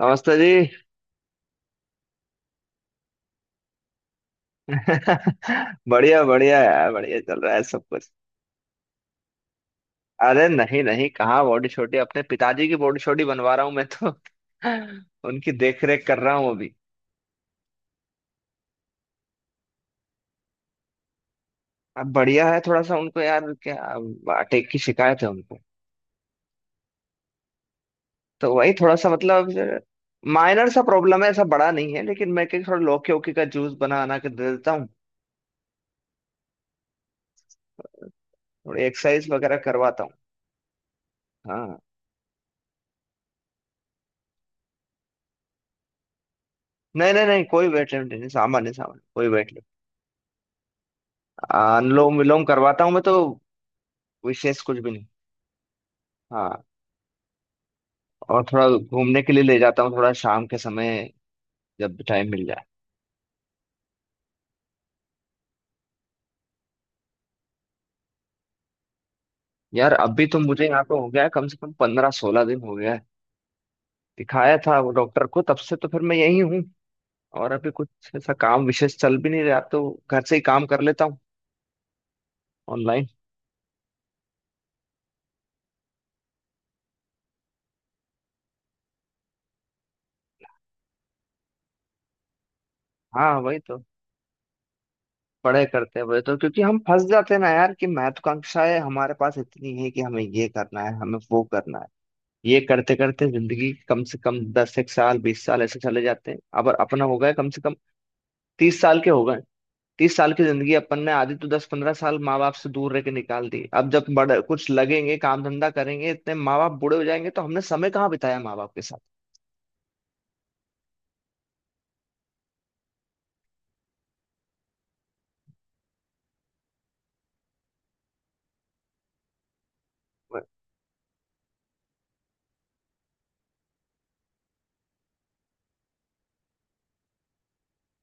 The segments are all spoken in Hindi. नमस्ते जी। बढ़िया बढ़िया यार, बढ़िया चल रहा है सब कुछ। अरे नहीं नहीं, कहाँ बॉडी छोटी, अपने पिताजी की बॉडी छोटी बनवा रहा हूँ मैं तो। उनकी देख रेख कर रहा हूँ अभी। अब बढ़िया है, थोड़ा सा उनको यार क्या अटैक की शिकायत है उनको। तो वही थोड़ा सा मतलब माइनर सा प्रॉब्लम है, ऐसा बड़ा नहीं है, लेकिन मैं क्या थोड़ा लौकी ओकी का जूस बना बना के दे देता हूँ। थोड़ी एक्सरसाइज वगैरह करवाता हूँ। हाँ। नहीं नहीं नहीं कोई वेट लिफ्ट नहीं, सामान्य सामान्य कोई वेट लिफ्ट। अनुलोम विलोम करवाता हूँ मैं तो। विशेष कुछ भी नहीं। हाँ। और थोड़ा घूमने के लिए ले जाता हूँ, थोड़ा शाम के समय, जब टाइम मिल जाए। यार अभी तो मुझे यहाँ पे हो गया है कम से कम 15-16 दिन हो गया है, दिखाया था वो डॉक्टर को, तब से तो फिर मैं यही हूँ। और अभी कुछ ऐसा काम विशेष चल भी नहीं रहा, तो घर से ही काम कर लेता हूँ, ऑनलाइन। हाँ वही तो। पढ़े करते हैं वही तो, क्योंकि हम फंस जाते हैं ना यार कि महत्वाकांक्षाएं हमारे पास इतनी है कि हमें ये करना है, हमें वो करना है। ये करते करते जिंदगी कम से कम दस एक साल, 20 साल ऐसे चले जाते हैं, अब अपना हो गया कम से कम 30 साल के हो गए। 30 साल की जिंदगी अपन ने आधी तो 10-15 साल माँ बाप से दूर रह के निकाल दी, अब जब बड़े कुछ लगेंगे, काम धंधा करेंगे, इतने माँ बाप बूढ़े हो जाएंगे, तो हमने समय कहाँ बिताया माँ बाप के साथ।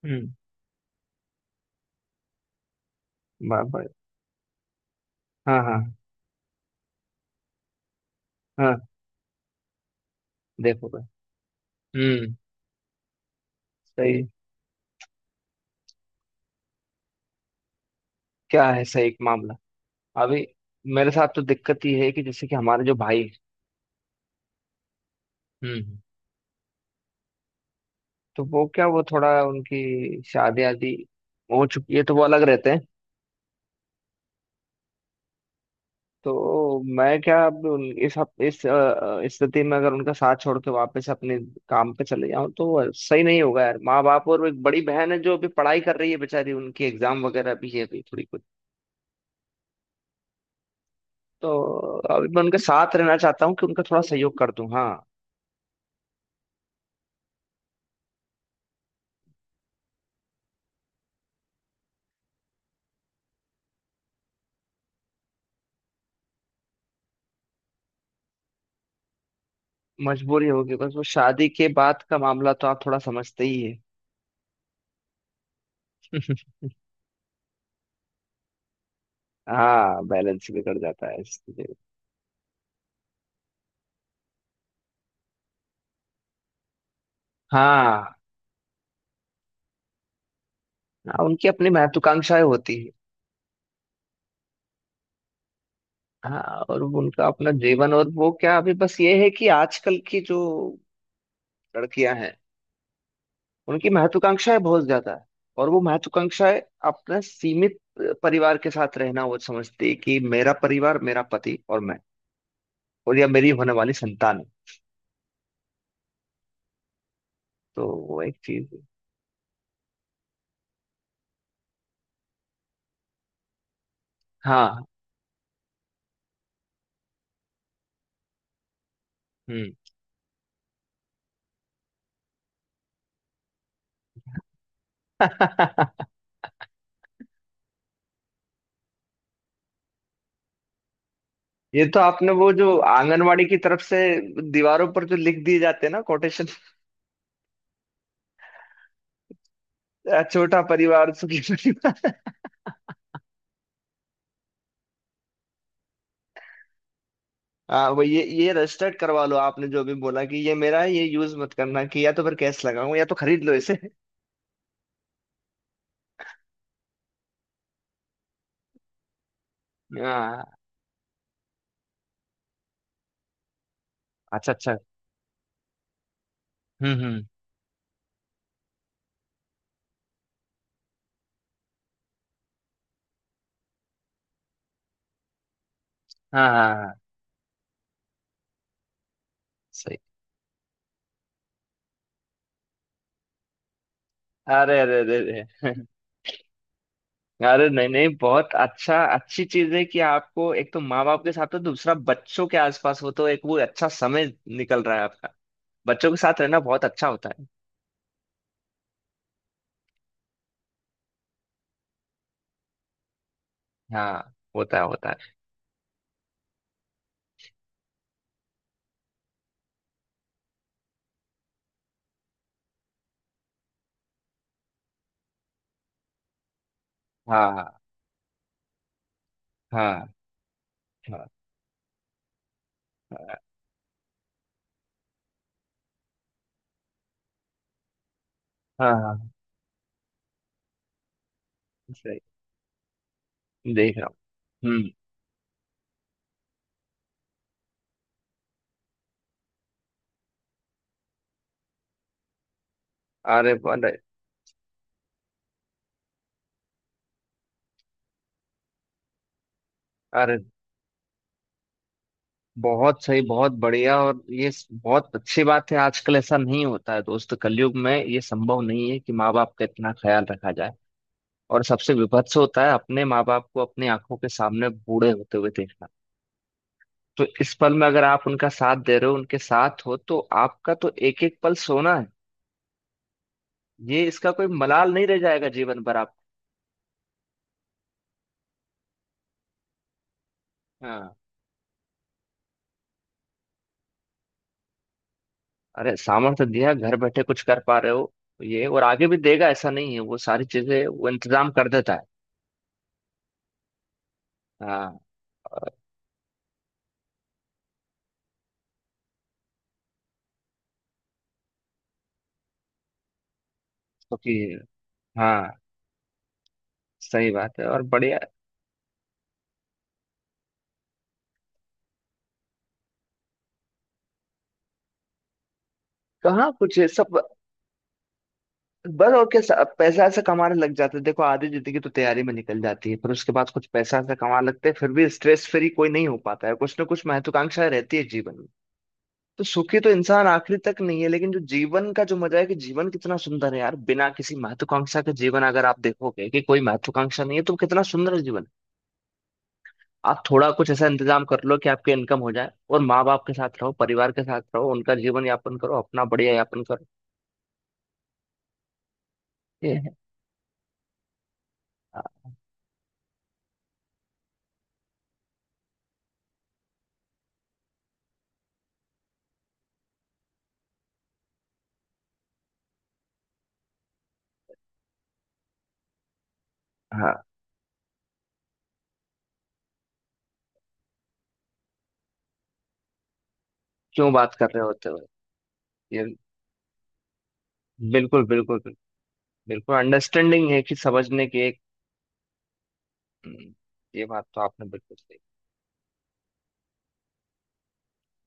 हम्म। बाप भाई। हाँ हाँ। हाँ। देखो भाई। हम्म। सही। क्या है, सही एक मामला। अभी मेरे साथ तो दिक्कत ये है कि जैसे कि हमारे जो भाई हैं, हम्म, तो वो क्या, वो थोड़ा उनकी शादी आदि हो चुकी है, तो वो अलग रहते हैं। तो मैं क्या अब उन- इस हफ- इस अ, स्थिति में अगर उनका साथ छोड़ के वापस अपने काम पे चले जाऊं तो सही नहीं होगा, यार माँ बाप, और वो एक बड़ी बहन है जो अभी पढ़ाई कर रही है बेचारी, उनकी एग्जाम वगैरह भी है अभी, थोड़ी कुछ। तो अभी मैं उनके साथ रहना चाहता हूँ कि उनका थोड़ा सहयोग कर दूं। हाँ। मजबूरी होगी, बस वो शादी के बाद का मामला तो आप थोड़ा समझते ही है। हाँ बैलेंस बिगड़ जाता है इसलिए। हाँ हाँ, उनकी अपनी महत्वाकांक्षाएं होती। हाँ। और उनका अपना जीवन, और वो क्या, अभी बस ये है कि आजकल की जो लड़कियां हैं, उनकी महत्वाकांक्षाएं बहुत ज्यादा है। और वो महत्वाकांक्षाएं, अपने सीमित परिवार के साथ रहना, वो समझती है कि मेरा परिवार मेरा पति और मैं, और या मेरी होने वाली संतान है। तो वो एक चीज है। हाँ। हम्म। ये तो आपने, वो जो आंगनवाड़ी की तरफ से दीवारों पर जो लिख दिए जाते हैं ना कोटेशन, छोटा परिवार सुखी परिवार। हाँ वो ये रजिस्टर्ड करवा लो आपने जो अभी बोला कि ये मेरा है ये यूज मत करना, कि या तो फिर कैश लगाऊं, या तो खरीद लो इसे। हाँ। अच्छा अच्छा। हम्म। हाँ हाँ हाँ। सही। अरे अरे अरे अरे। अरे नहीं नहीं, बहुत अच्छा, अच्छी चीज है कि आपको एक तो माँ बाप के साथ हो, दूसरा बच्चों के आसपास हो, तो एक वो अच्छा समय निकल रहा है आपका। बच्चों के साथ रहना बहुत अच्छा होता है। हाँ होता है होता है। हाँ हाँ हाँ। हाँ हाँ। सही। देख रहा हूँ। हम्म। अरे अरे अरे। बहुत सही, बहुत बढ़िया, और बहुत अच्छी बात है आजकल ऐसा नहीं होता है दोस्त, कलयुग में ये संभव नहीं है कि माँ बाप का इतना ख्याल रखा जाए। और सबसे विभत्स होता है अपने माँ बाप को अपनी आंखों के सामने बूढ़े होते हुए देखना, तो इस पल में अगर आप उनका साथ दे रहे हो, उनके साथ हो, तो आपका तो एक एक पल सोना है। ये इसका कोई मलाल नहीं रह जाएगा जीवन भर आप। हाँ। अरे सामर्थ्य दिया घर बैठे कुछ कर पा रहे हो, ये और आगे भी देगा ऐसा नहीं है, वो सारी चीजें वो इंतजाम कर देता है। हाँ। क्योंकि। हाँ। सही बात है, और बढ़िया। कहाँ कुछ है सब। बस और क्या, पैसा ऐसा कमाने लग जाते हैं देखो, आधी जिंदगी तो तैयारी में निकल जाती है, फिर उसके बाद कुछ पैसा ऐसा कमाने लगते हैं, फिर भी स्ट्रेस फ्री कोई नहीं हो पाता है, कुछ ना कुछ महत्वाकांक्षा रहती है जीवन में। तो सुखी तो इंसान आखिरी तक नहीं है, लेकिन जो जीवन का जो मजा है, कि जीवन कितना सुंदर है यार बिना किसी महत्वाकांक्षा के, जीवन अगर आप देखोगे कि कोई महत्वाकांक्षा नहीं है तो कितना सुंदर जीवन है। आप थोड़ा कुछ ऐसा इंतजाम कर लो कि आपके इनकम हो जाए, और माँ बाप के साथ रहो, परिवार के साथ रहो, उनका जीवन यापन करो, अपना बढ़िया यापन करो। ये है। हाँ हाँ, क्यों बात कर रहे होते हो। ये। बिल्कुल बिल्कुल बिल्कुल। बिल्कुल अंडरस्टैंडिंग है कि समझने की एक। हम्म, ये बात तो आपने बिल्कुल सही।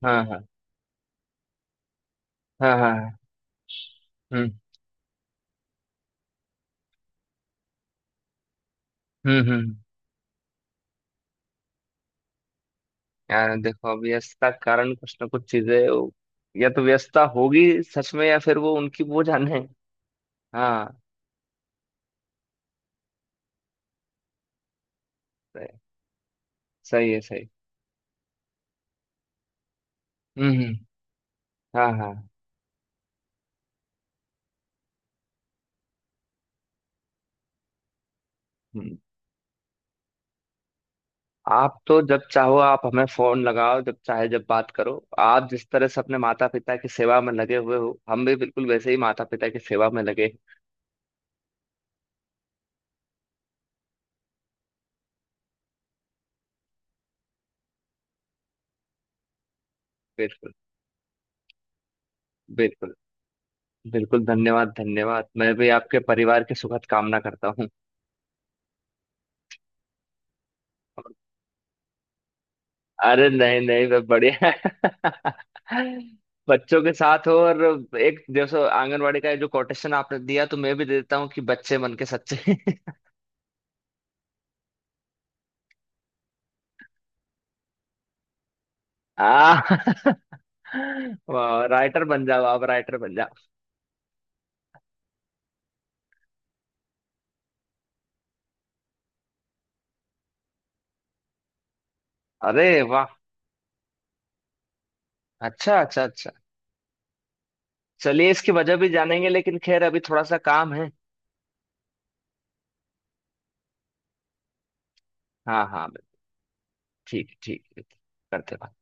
हाँ हाँ हाँ। हाँ हाँ। हम्म हम्म। हम्म। यार देखो अब व्यस्तता के कारण कुछ ना कुछ चीजें या तो व्यस्तता होगी सच में, या फिर वो उनकी वो जाने। हाँ। सही। सही है सही। हम्म। हाँ हाँ। हम्म। आप तो जब चाहो आप हमें फोन लगाओ, जब चाहे, जब बात करो। आप जिस तरह से अपने माता पिता की सेवा में लगे हुए हो, हम भी बिल्कुल वैसे ही माता पिता की सेवा में लगे हैं। बिल्कुल। बिल्कुल बिल्कुल धन्यवाद धन्यवाद, मैं भी आपके परिवार की सुखद कामना करता हूँ। अरे नहीं नहीं मैं बढ़िया। बच्चों के साथ हो, और एक जैसे आंगनवाड़ी का जो कोटेशन आपने दिया, तो मैं भी दे देता हूँ कि बच्चे मन के सच्चे। आ। वाह, राइटर बन जाओ आप, राइटर बन जाओ। अरे वाह। अच्छा अच्छा अच्छा। चलिए इसकी वजह भी जानेंगे, लेकिन खैर अभी थोड़ा सा काम है। हाँ हाँ। ठीक ठीक ठीक, करते हैं बात।